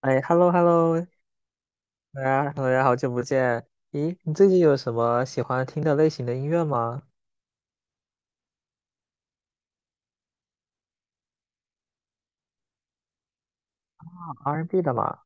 哎，hello hello，大家好久不见。咦，你最近有什么喜欢听的类型的音乐吗啊？R&B 的嘛。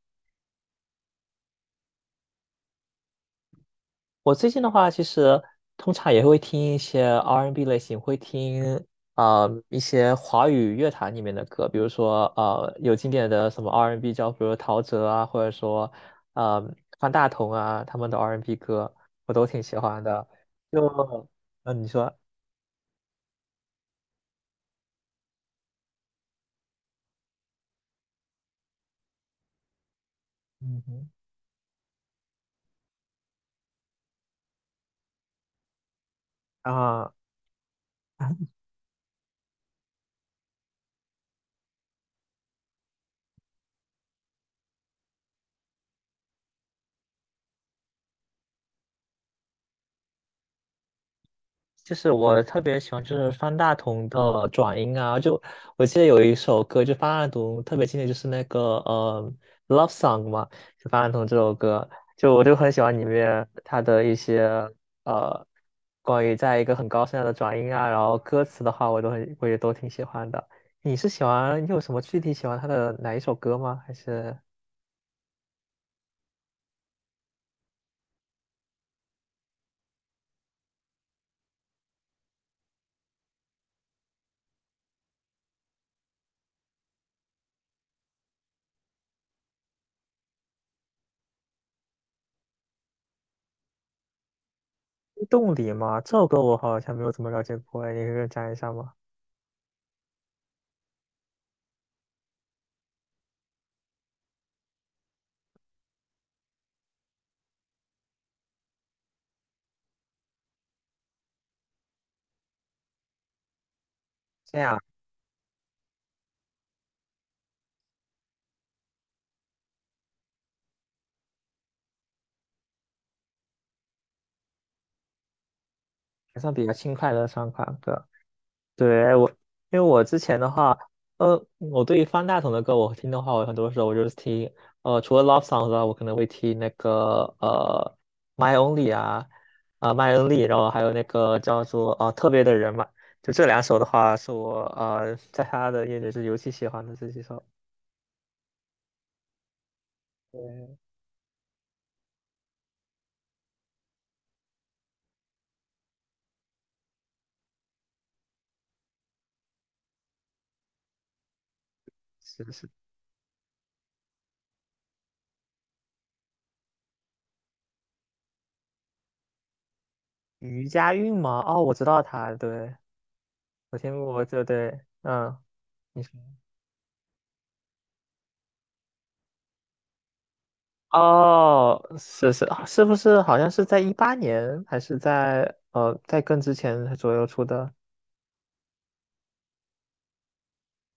我最近的话，其实通常也会听一些 R&B 类型，会听一些华语乐坛里面的歌，比如说有经典的什么 R&B 叫，比如陶喆啊，或者说呃方大同啊，他们的 R&B 歌我都挺喜欢的。就嗯、呃你说嗯哼啊。就是我特别喜欢就是方大同的转音啊，就我记得有一首歌，就方大同特别经典，就是那个《Love Song》嘛，就方大同这首歌，就我就很喜欢里面他的一些呃关于在一个很高声的转音啊，然后歌词的话，我也都挺喜欢的。你是喜欢你有什么具体喜欢他的哪一首歌吗？还是动力吗？这首歌我好像没有怎么了解过，你可以给我讲一下吗？这样。还算比较轻快的三款歌。对，哎因为我之前的话，我对于方大同的歌，我听的话，我很多时候我就是听，除了 love song 之外，我可能会听那个My Only 啊，啊、My Only，然后还有那个叫做特别的人嘛，就这两首的话，是我在他的眼里是尤其喜欢的这几首。对，是是余佳运吗？哦，我知道他，对，我听过，对对，嗯，你说。哦，是是，是不是好像是在一八年，还是在更之前左右出的。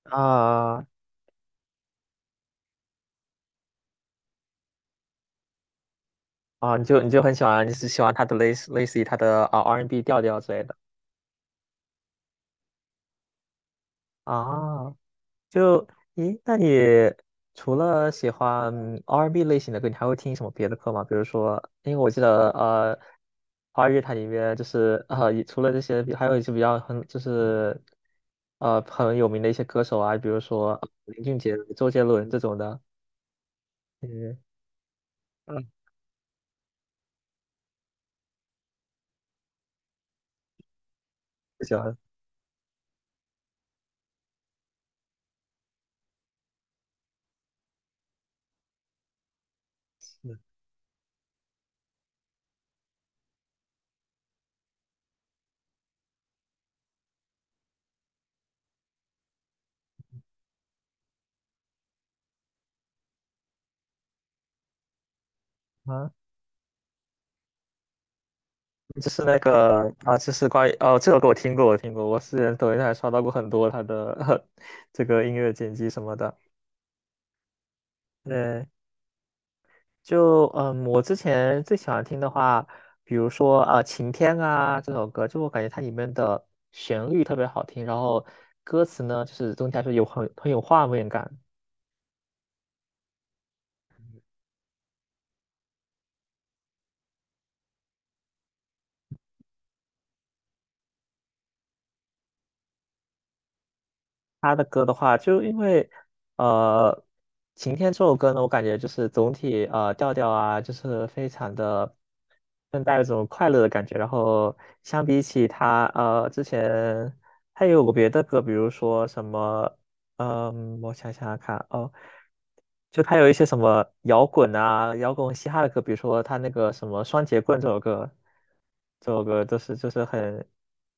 啊啊？你就很喜欢，你是喜欢他的类似于他的R&B 调调之类的啊？就，咦，那你除了喜欢R&B 类型的歌，你还会听什么别的歌吗？比如说，因为我记得，华语乐坛里面就是也除了这些还有一些比较很就是很有名的一些歌手啊，比如说林俊杰、周杰伦这种的。嗯嗯，不喜欢是啊，就是那个啊，就是关于哦，这首歌我听过，我听过，我是抖音上还刷到过很多他的 这个音乐剪辑什么的。对，就我之前最喜欢听的话，比如说啊，《晴天》啊这首歌，就我感觉它里面的旋律特别好听，然后歌词呢，就是总体来说有很有画面感，他的歌的话，就因为呃，《晴天》这首歌呢，我感觉就是总体调调啊，就是非常的更带一种快乐的感觉。然后相比起他之前，他也有过别的歌，比如说什么我想想看哦，就他有一些什么摇滚啊、摇滚嘻哈的歌，比如说他那个什么《双截棍》这首歌，这首歌都是就是很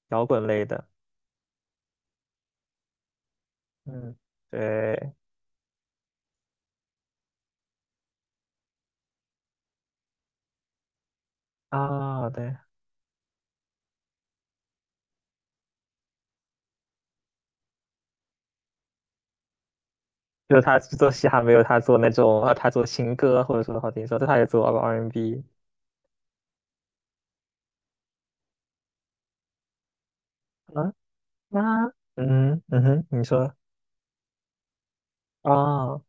摇滚类的，嗯。对，啊，对，就是他做嘻哈没有他做那种，他做情歌或者说好听说，但他也做 R&B 啊。那嗯哼，你说啊，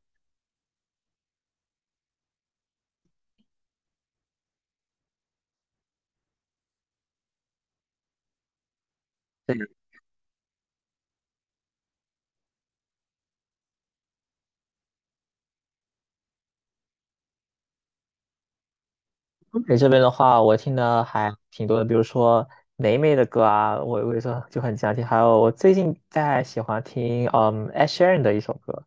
东北这边的话，我听的还挺多的，比如说霉霉的歌啊，我有时候就很经常听，还有我最近在喜欢听Ed Sheeran 的一首歌，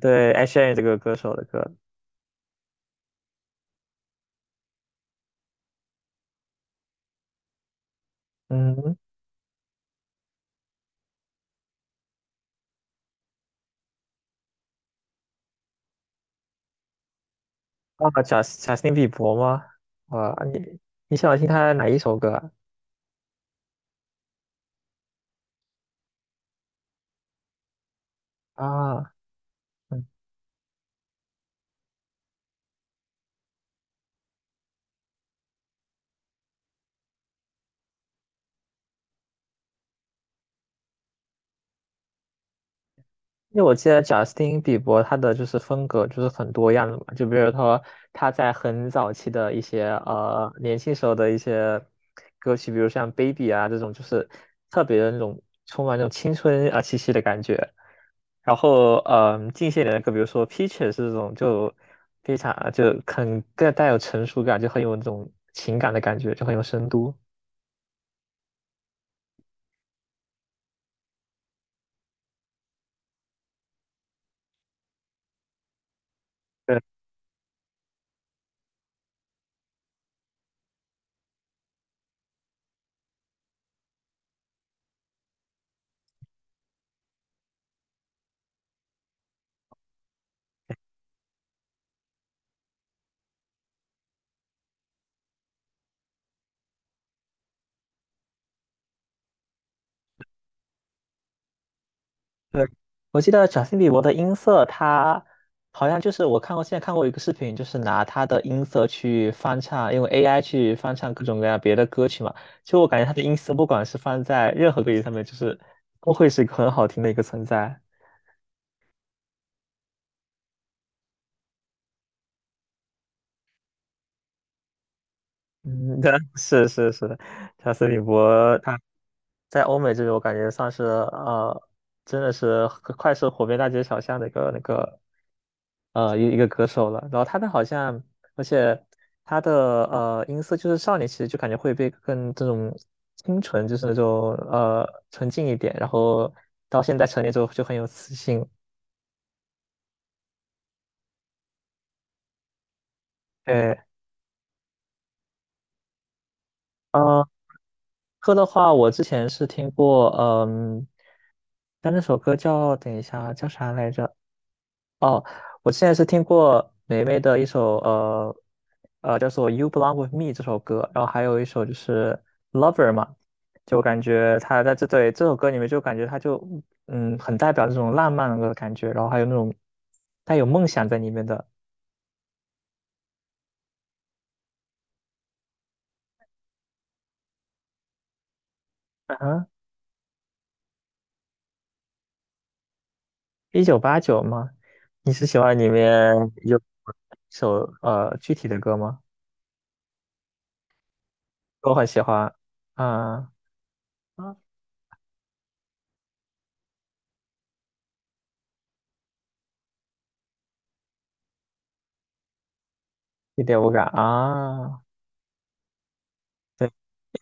对 Ed Sheeran 这个歌手的歌，嗯啊，贾斯汀比伯吗？啊，你喜欢听他哪一首歌啊？啊，因为我记得贾斯汀·比伯他的就是风格就是很多样的嘛，就比如说他在很早期的一些年轻时候的一些歌曲，比如像《Baby》啊这种，就是特别的那种充满那种青春啊气息的感觉。然后近些年的歌，比如说《Peaches》这种就非常就很更带有成熟感，就很有那种情感的感觉，就很有深度。对。对，我记得贾斯汀比伯的音色，他好像就是我看过，现在看过一个视频，就是拿他的音色去翻唱，用 AI 去翻唱各种各样别的歌曲嘛。就我感觉他的音色，不管是放在任何歌曲上面，就是都会是一个很好听的一个存在。嗯，对，是是是的，贾斯汀比伯他在欧美这边，我感觉算是真的是快是火遍大街小巷的一个那个一个歌手了。然后他的好像，而且他的音色就是少年，其实就感觉会被更这种清纯，就是那种纯净一点。然后到现在成年之后就很有磁性。对，呃，歌的话，我之前是听过，但那首歌叫等一下叫啥来着？哦，我现在是听过霉霉的一首叫做《You Belong with Me》这首歌，然后还有一首就是《Lover》嘛，就感觉他在这对这首歌里面就感觉他就很代表这种浪漫的感觉，然后还有那种带有梦想在里面的。嗯哼，一九八九吗？你是喜欢里面有一首具体的歌吗？我很喜欢啊，啊，一点无感啊。对。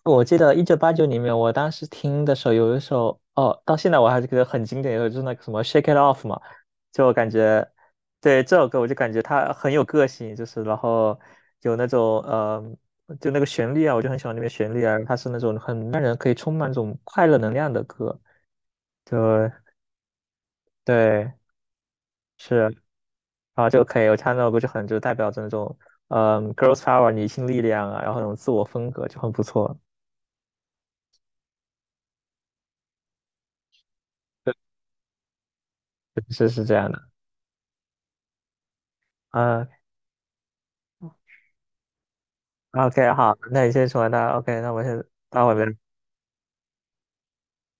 我记得一九八九里面，我当时听的时候，有一首哦，到现在我还是觉得很经典，有就是那个什么《Shake It Off》嘛，就我感觉对这首歌，我就感觉它很有个性，就是然后有那种就那个旋律啊，我就很喜欢那边旋律啊，它是那种很让人可以充满这种快乐能量的歌，就对是啊就可以，我唱那首歌就很就代表着那种girls power 女性力量啊，然后那种自我风格就很不错，是是这样的。啊，OK，好，那你先说，那 OK，那我先到我这。